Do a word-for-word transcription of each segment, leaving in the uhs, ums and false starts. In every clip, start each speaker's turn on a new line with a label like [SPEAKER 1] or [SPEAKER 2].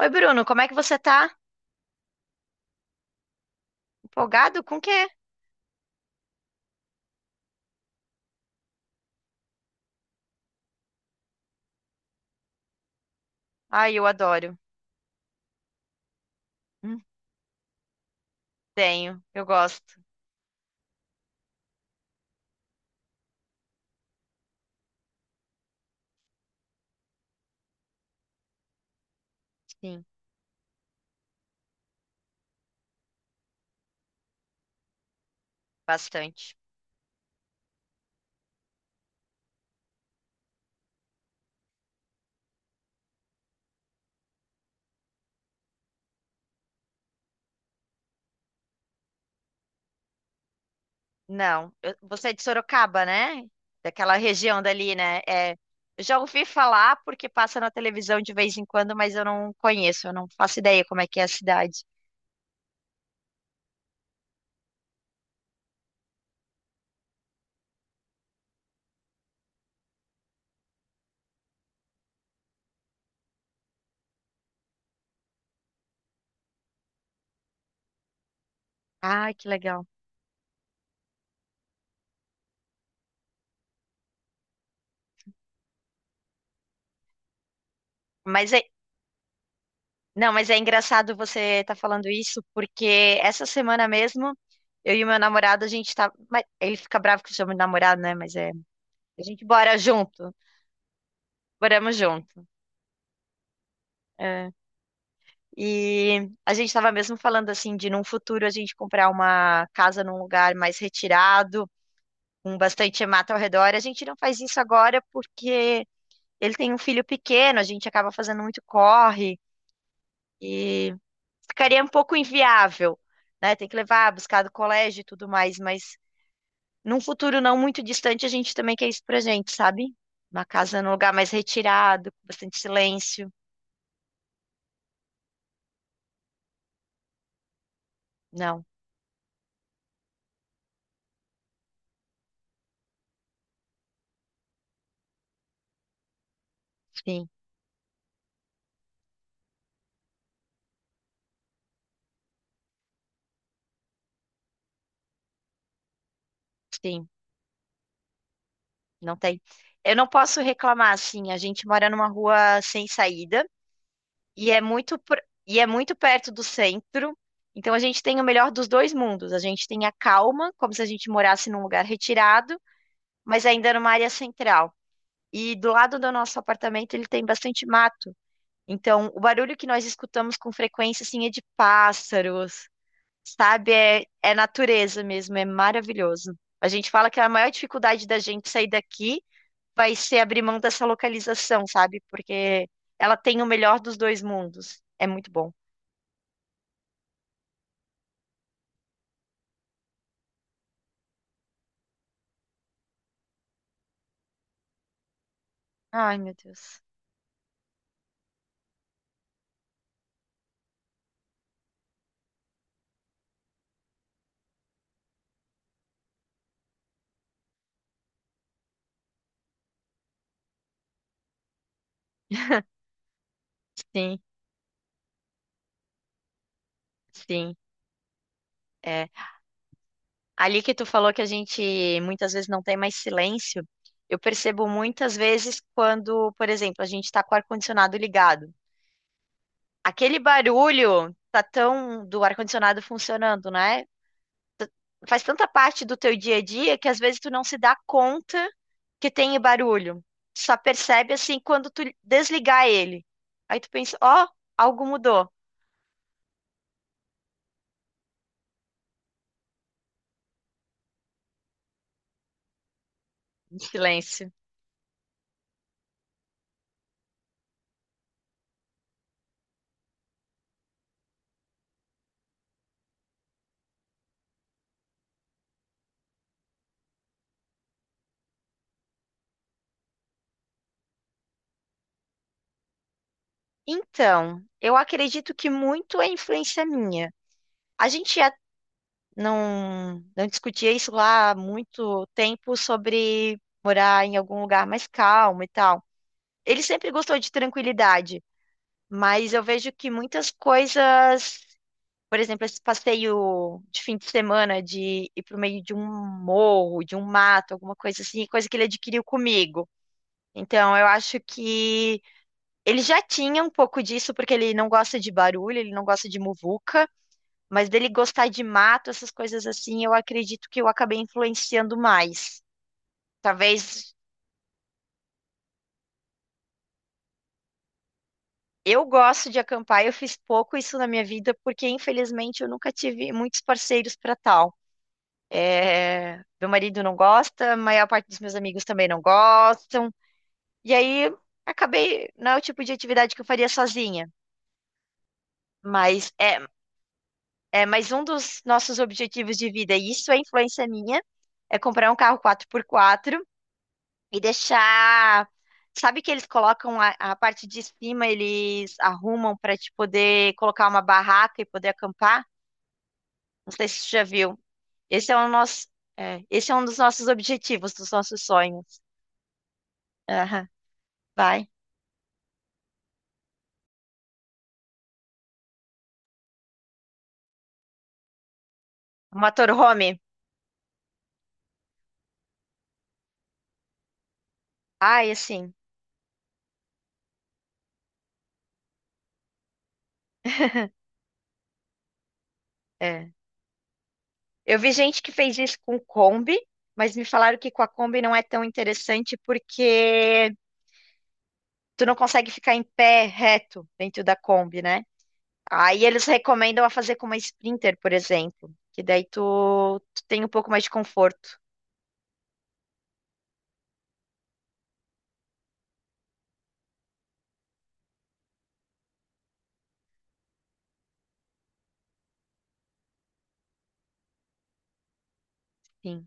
[SPEAKER 1] Oi, Bruno, como é que você tá? Empolgado com o quê? Ai, eu adoro. Hum, Tenho, eu gosto. Sim, bastante. Não, eu- você é de Sorocaba, né? Daquela região dali, né? É, eu já ouvi falar porque passa na televisão de vez em quando, mas eu não conheço, eu não faço ideia como é que é a cidade. Ai, que legal. Mas é, não, mas é engraçado você estar falando isso, porque essa semana mesmo, eu e meu namorado, a gente tá, mas ele fica bravo que eu chamo de namorado, né? Mas é, a gente bora junto. Moramos junto. É. E a gente estava mesmo falando assim de num futuro a gente comprar uma casa num lugar mais retirado, com bastante mata ao redor. A gente não faz isso agora porque ele tem um filho pequeno, a gente acaba fazendo muito corre e ficaria um pouco inviável, né? Tem que levar, buscar do colégio e tudo mais, mas num futuro não muito distante a gente também quer isso pra gente, sabe? Uma casa num lugar mais retirado, com bastante silêncio. Não, sim, sim. Não tem. Eu não posso reclamar, assim, a gente mora numa rua sem saída e é muito pr- e é muito perto do centro. Então a gente tem o melhor dos dois mundos. A gente tem a calma, como se a gente morasse num lugar retirado, mas ainda numa área central. E do lado do nosso apartamento ele tem bastante mato. Então o barulho que nós escutamos com frequência assim é de pássaros, sabe? É, é natureza mesmo, é maravilhoso. A gente fala que a maior dificuldade da gente sair daqui vai ser abrir mão dessa localização, sabe? Porque ela tem o melhor dos dois mundos. É muito bom. Ai, meu Deus. Sim, sim. É. Ali que tu falou que a gente muitas vezes não tem mais silêncio, eu percebo muitas vezes quando, por exemplo, a gente está com o ar-condicionado ligado. Aquele barulho tá tão do ar-condicionado funcionando, né? T- Faz tanta parte do teu dia a dia que às vezes tu não se dá conta que tem barulho. Só percebe assim quando tu desligar ele. Aí tu pensa, ó, algo mudou. Em silêncio. Então, eu acredito que muito é influência minha. A gente já não, não discutia isso lá há muito tempo sobre morar em algum lugar mais calmo e tal. Ele sempre gostou de tranquilidade, mas eu vejo que muitas coisas. Por exemplo, esse passeio de fim de semana de ir pro meio de um morro, de um mato, alguma coisa assim, é coisa que ele adquiriu comigo. Então, eu acho que ele já tinha um pouco disso, porque ele não gosta de barulho, ele não gosta de muvuca, mas dele gostar de mato, essas coisas assim, eu acredito que eu acabei influenciando mais. Talvez eu gosto de acampar, eu fiz pouco isso na minha vida, porque infelizmente eu nunca tive muitos parceiros para tal. É, meu marido não gosta, a maior parte dos meus amigos também não gostam. E aí acabei, não é o tipo de atividade que eu faria sozinha, mas é, é mais um dos nossos objetivos de vida, e isso é influência minha, é comprar um carro quatro por quatro e deixar. Sabe que eles colocam a, a parte de cima, eles arrumam para te poder colocar uma barraca e poder acampar? Não sei se você já viu. Esse é o nosso, é, esse é um dos nossos objetivos, dos nossos sonhos. Vai. O motorhome. Ai, assim, é. Eu vi gente que fez isso com Kombi, mas me falaram que com a Kombi não é tão interessante porque tu não consegue ficar em pé reto dentro da Kombi, né? Aí eles recomendam a fazer com uma Sprinter, por exemplo, que daí tu, tu tem um pouco mais de conforto. Sim,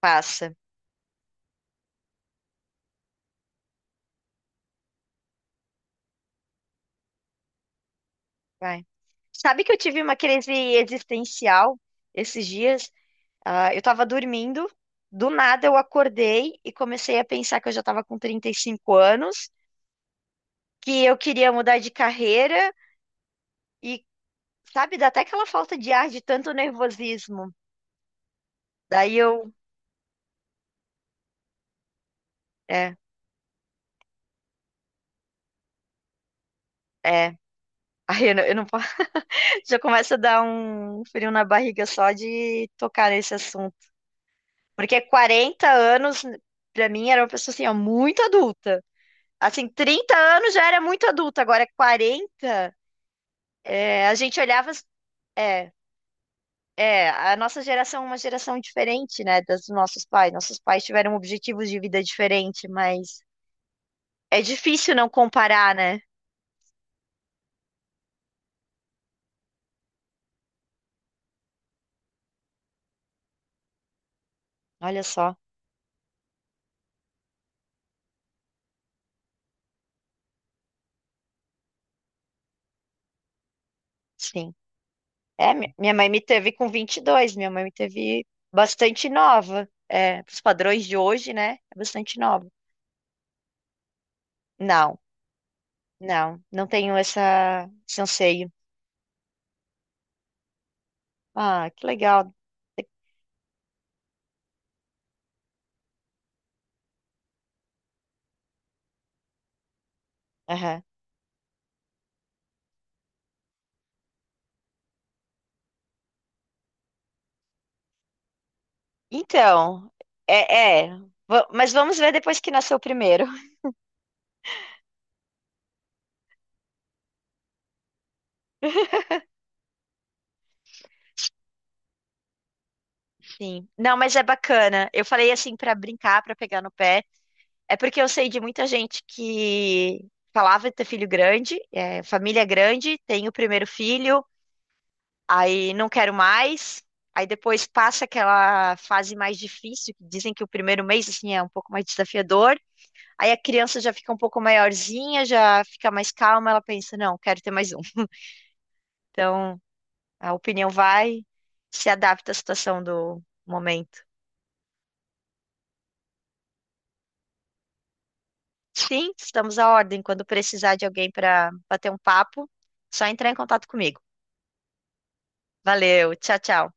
[SPEAKER 1] passa. Vai. Sabe que eu tive uma crise existencial esses dias? Ah, eu tava dormindo, do nada eu acordei e comecei a pensar que eu já tava com trinta e cinco anos, que eu queria mudar de carreira e, sabe, dá até aquela falta de ar de tanto nervosismo. Daí eu, é, é. Aí eu não, eu não posso. Já começa a dar um frio na barriga só de tocar nesse assunto. Porque quarenta anos, pra mim, era uma pessoa assim, ó, muito adulta. Assim, trinta anos já era muito adulta, agora quarenta, é, a gente olhava. É, é, a nossa geração é uma geração diferente, né, das dos nossos pais. Nossos pais tiveram objetivos de vida diferente, mas é difícil não comparar, né? Olha só, sim. É, mi- minha mãe me teve com vinte e dois. Minha mãe me teve bastante nova. É, os padrões de hoje, né, é bastante nova. Não, não, não tenho essa, esse anseio. Ah, que legal. Aham. Então, é, é, va- mas vamos ver depois que nasceu o primeiro. Sim. Não, mas é bacana. Eu falei assim pra brincar, pra pegar no pé. É porque eu sei de muita gente que falava de ter filho grande, é, família grande, tem o primeiro filho, aí não quero mais. Aí depois passa aquela fase mais difícil, que dizem que o primeiro mês assim é um pouco mais desafiador. Aí a criança já fica um pouco maiorzinha, já fica mais calma, ela pensa, não, quero ter mais um. Então, a opinião vai, se adapta à situação do momento. Sim, estamos à ordem. Quando precisar de alguém para bater um papo, só entrar em contato comigo. Valeu, tchau, tchau.